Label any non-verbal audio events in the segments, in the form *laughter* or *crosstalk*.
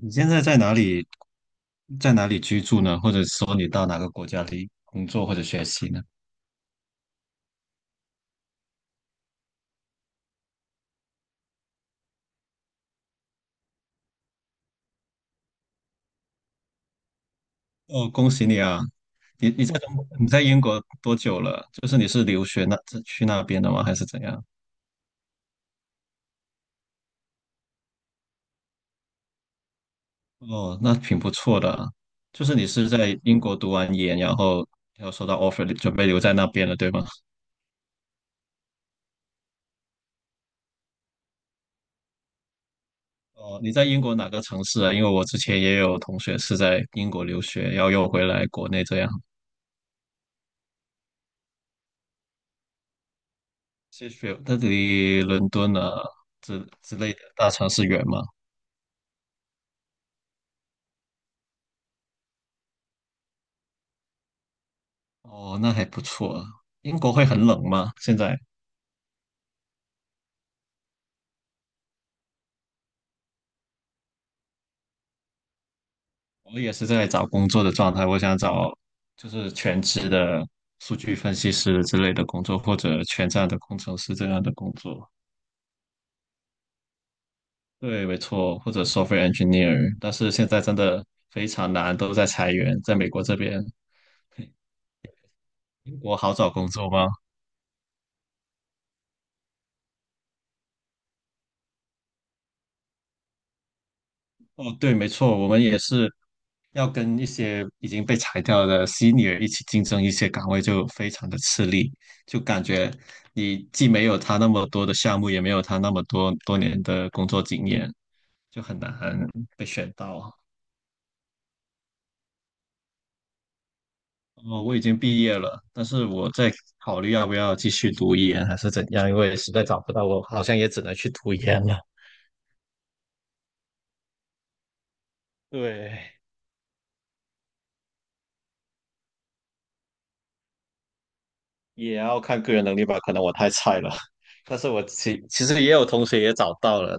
你现在在哪里，在哪里居住呢？或者说你到哪个国家里工作或者学习呢？哦，恭喜你啊！你在英国多久了？就是你是留学那去那边的吗？还是怎样？哦，那挺不错的啊。就是你是在英国读完研，然后要收到 offer，准备留在那边了，对吗？哦，你在英国哪个城市啊？因为我之前也有同学是在英国留学，然后又回来国内这样。谢谢，那离伦敦啊之类的大城市远吗？哦，那还不错啊。英国会很冷吗？现在我也是在找工作的状态，我想找就是全职的数据分析师之类的工作，或者全站的工程师这样的工作。对，没错，或者 software engineer。但是现在真的非常难，都在裁员，在美国这边。英国好找工作吗？哦，对，没错，我们也是要跟一些已经被裁掉的 senior 一起竞争一些岗位，就非常的吃力，就感觉你既没有他那么多的项目，也没有他那么多多年的工作经验，就很难被选到啊。哦，我已经毕业了，但是我在考虑要不要继续读研还是怎样，因为实在找不到，我好像也只能去读研了。对，也要看个人能力吧，可能我太菜了。*laughs* 但是我其实也有同学也找到了，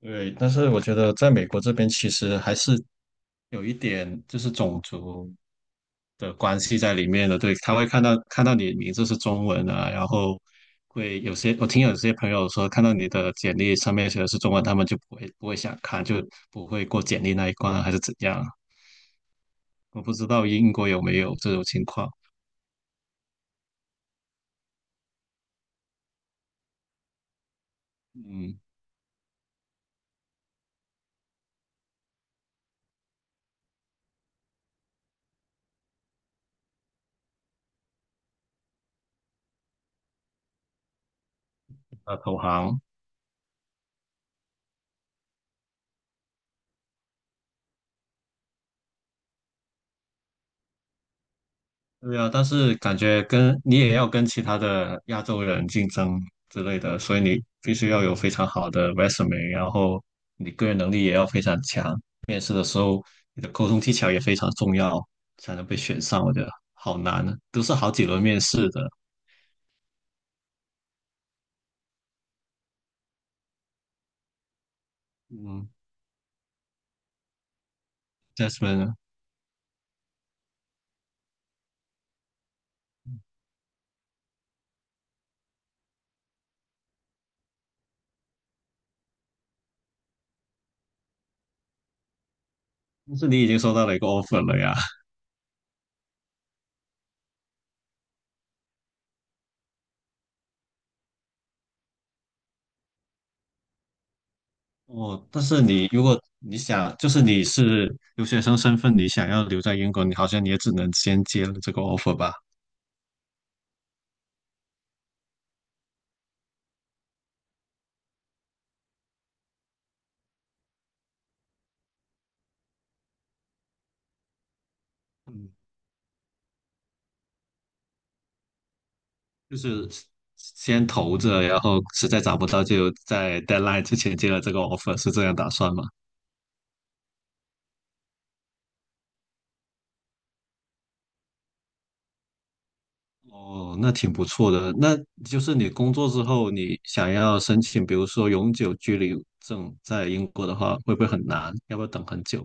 对，但是我觉得在美国这边其实还是有一点就是种族的关系在里面的。对，他会看到你名字是中文啊，然后会有些我听有些朋友说，看到你的简历上面写的是中文，他们就不会想看，就不会过简历那一关啊，还是怎样？我不知道英国有没有这种情况。嗯，那投行。对啊，但是感觉跟你也要跟其他的亚洲人竞争之类的，所以你必须要有非常好的 resume，然后你个人能力也要非常强。面试的时候，你的沟通技巧也非常重要，才能被选上。我觉得好难啊，都是好几轮面试的。嗯，Jasmine，呢但是你已经收到了一个 offer 了呀。哦，但是你如果你想，就是你是留学生身份，你想要留在英国，你好像你也只能先接了这个 offer 吧。嗯就是先投着，然后实在找不到就在 deadline 之前接了这个 offer，是这样打算吗？哦，那挺不错的。那就是你工作之后，你想要申请，比如说永久居留证，在英国的话，会不会很难？要不要等很久？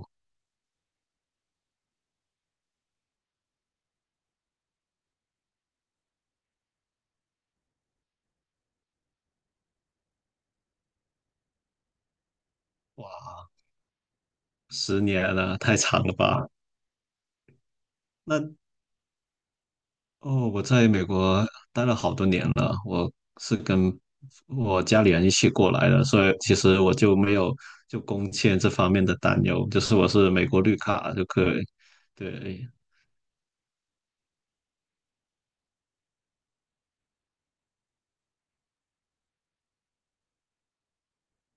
哇，10年了，太长了吧？那哦，我在美国待了好多年了，我是跟我家里人一起过来的，所以其实我就没有就工签这方面的担忧，就是我是美国绿卡就可以。对，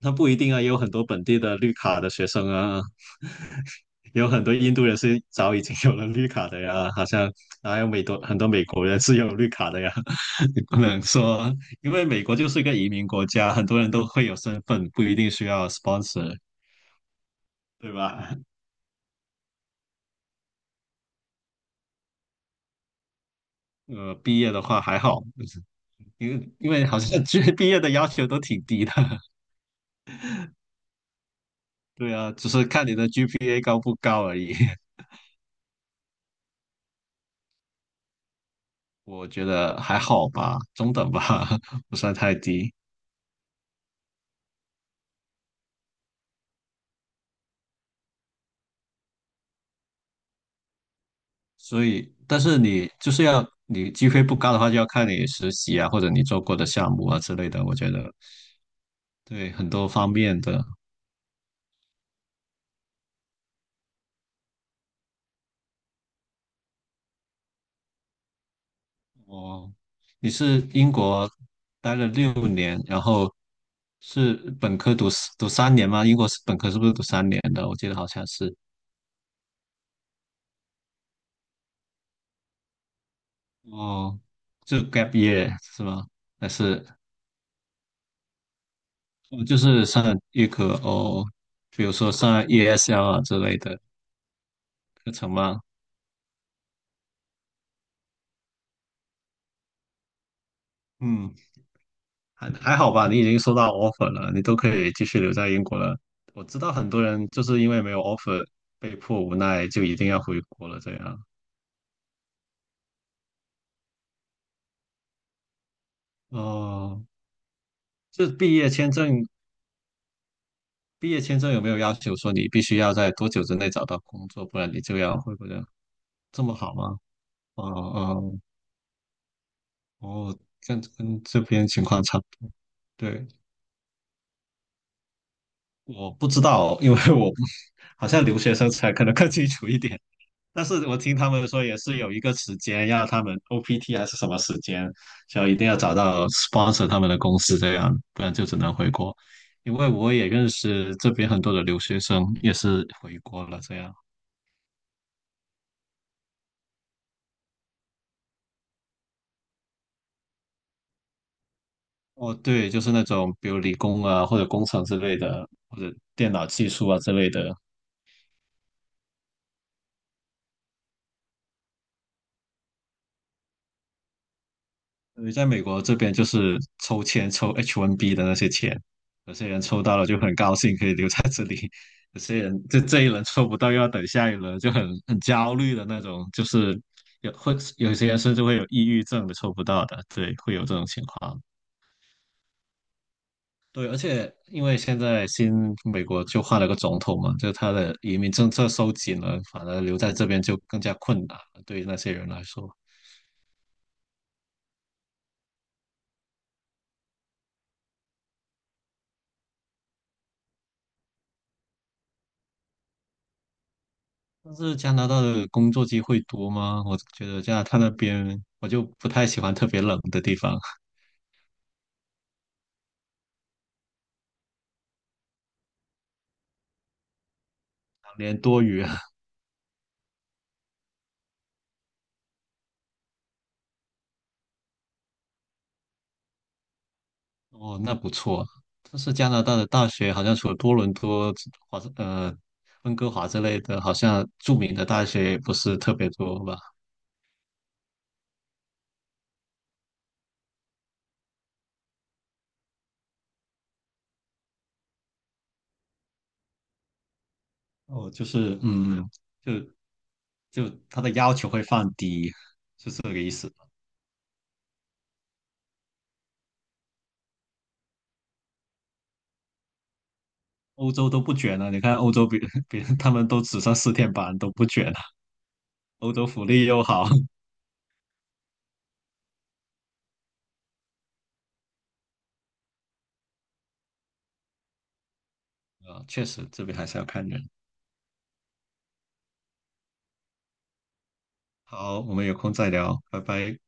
那不一定啊，也有很多本地的绿卡的学生啊，*laughs* 有很多印度人是早已经有了绿卡的呀，好像还有很多美国人是有绿卡的呀，*laughs* 你不能说，因为美国就是一个移民国家，很多人都会有身份，不一定需要 sponsor，对吧？毕业的话还好，就是因为好像 *laughs* G 毕业的要求都挺低的，*laughs* 对啊，只是看你的 GPA 高不高而已。*laughs* 我觉得还好吧，中等吧，*laughs* 不算太低。所以，但是你就是要你 GPA 不高的话，就要看你实习啊，或者你做过的项目啊之类的。我觉得对很多方面的。哦，你是英国待了六年，然后是本科读三年吗？英国是本科是不是读三年的？我记得好像是。哦，就 gap year 是吗？还是哦就是上预科哦，比如说上 ESL 啊之类的课程吗？嗯，还好吧，你已经收到 offer 了，你都可以继续留在英国了。我知道很多人就是因为没有 offer，被迫无奈就一定要回国了，这样。哦，这毕业签证，毕业签证有没有要求说你必须要在多久之内找到工作，不然你就要会不会这么好吗？哦哦哦，跟这边情况差不多。对，我不知道哦，因为我不好像留学生才可能更清楚一点。但是我听他们说也是有一个时间，要他们 OPT 还是什么时间，就一定要找到 sponsor 他们的公司这样，不然就只能回国。因为我也认识这边很多的留学生，也是回国了这样。哦，对，就是那种比如理工啊，或者工程之类的，或者电脑技术啊之类的。因为在美国这边就是抽签抽 H1B 的那些钱，有些人抽到了就很高兴可以留在这里，*laughs* 有些人这一轮抽不到又要等下一轮，就很焦虑的那种，就是会有些人甚至会有抑郁症的抽不到的，对，会有这种情况。对，而且因为现在美国就换了个总统嘛，就他的移民政策收紧了，反而留在这边就更加困难了，对于那些人来说。但是加拿大的工作机会多吗？我觉得加拿大那边我就不太喜欢特别冷的地方，两年多雨 *laughs* 哦，那不错啊。但是加拿大的大学好像除了多伦多、华盛呃温哥华之类的，好像著名的大学也不是特别多吧？哦，就是嗯。就就他的要求会放低，就是这个意思。欧洲都不卷了，你看欧洲比 *laughs* 比他们都只上四天班都不卷了，欧洲福利又好。*laughs* 啊，确实这边还是要看人。好，我们有空再聊，拜拜。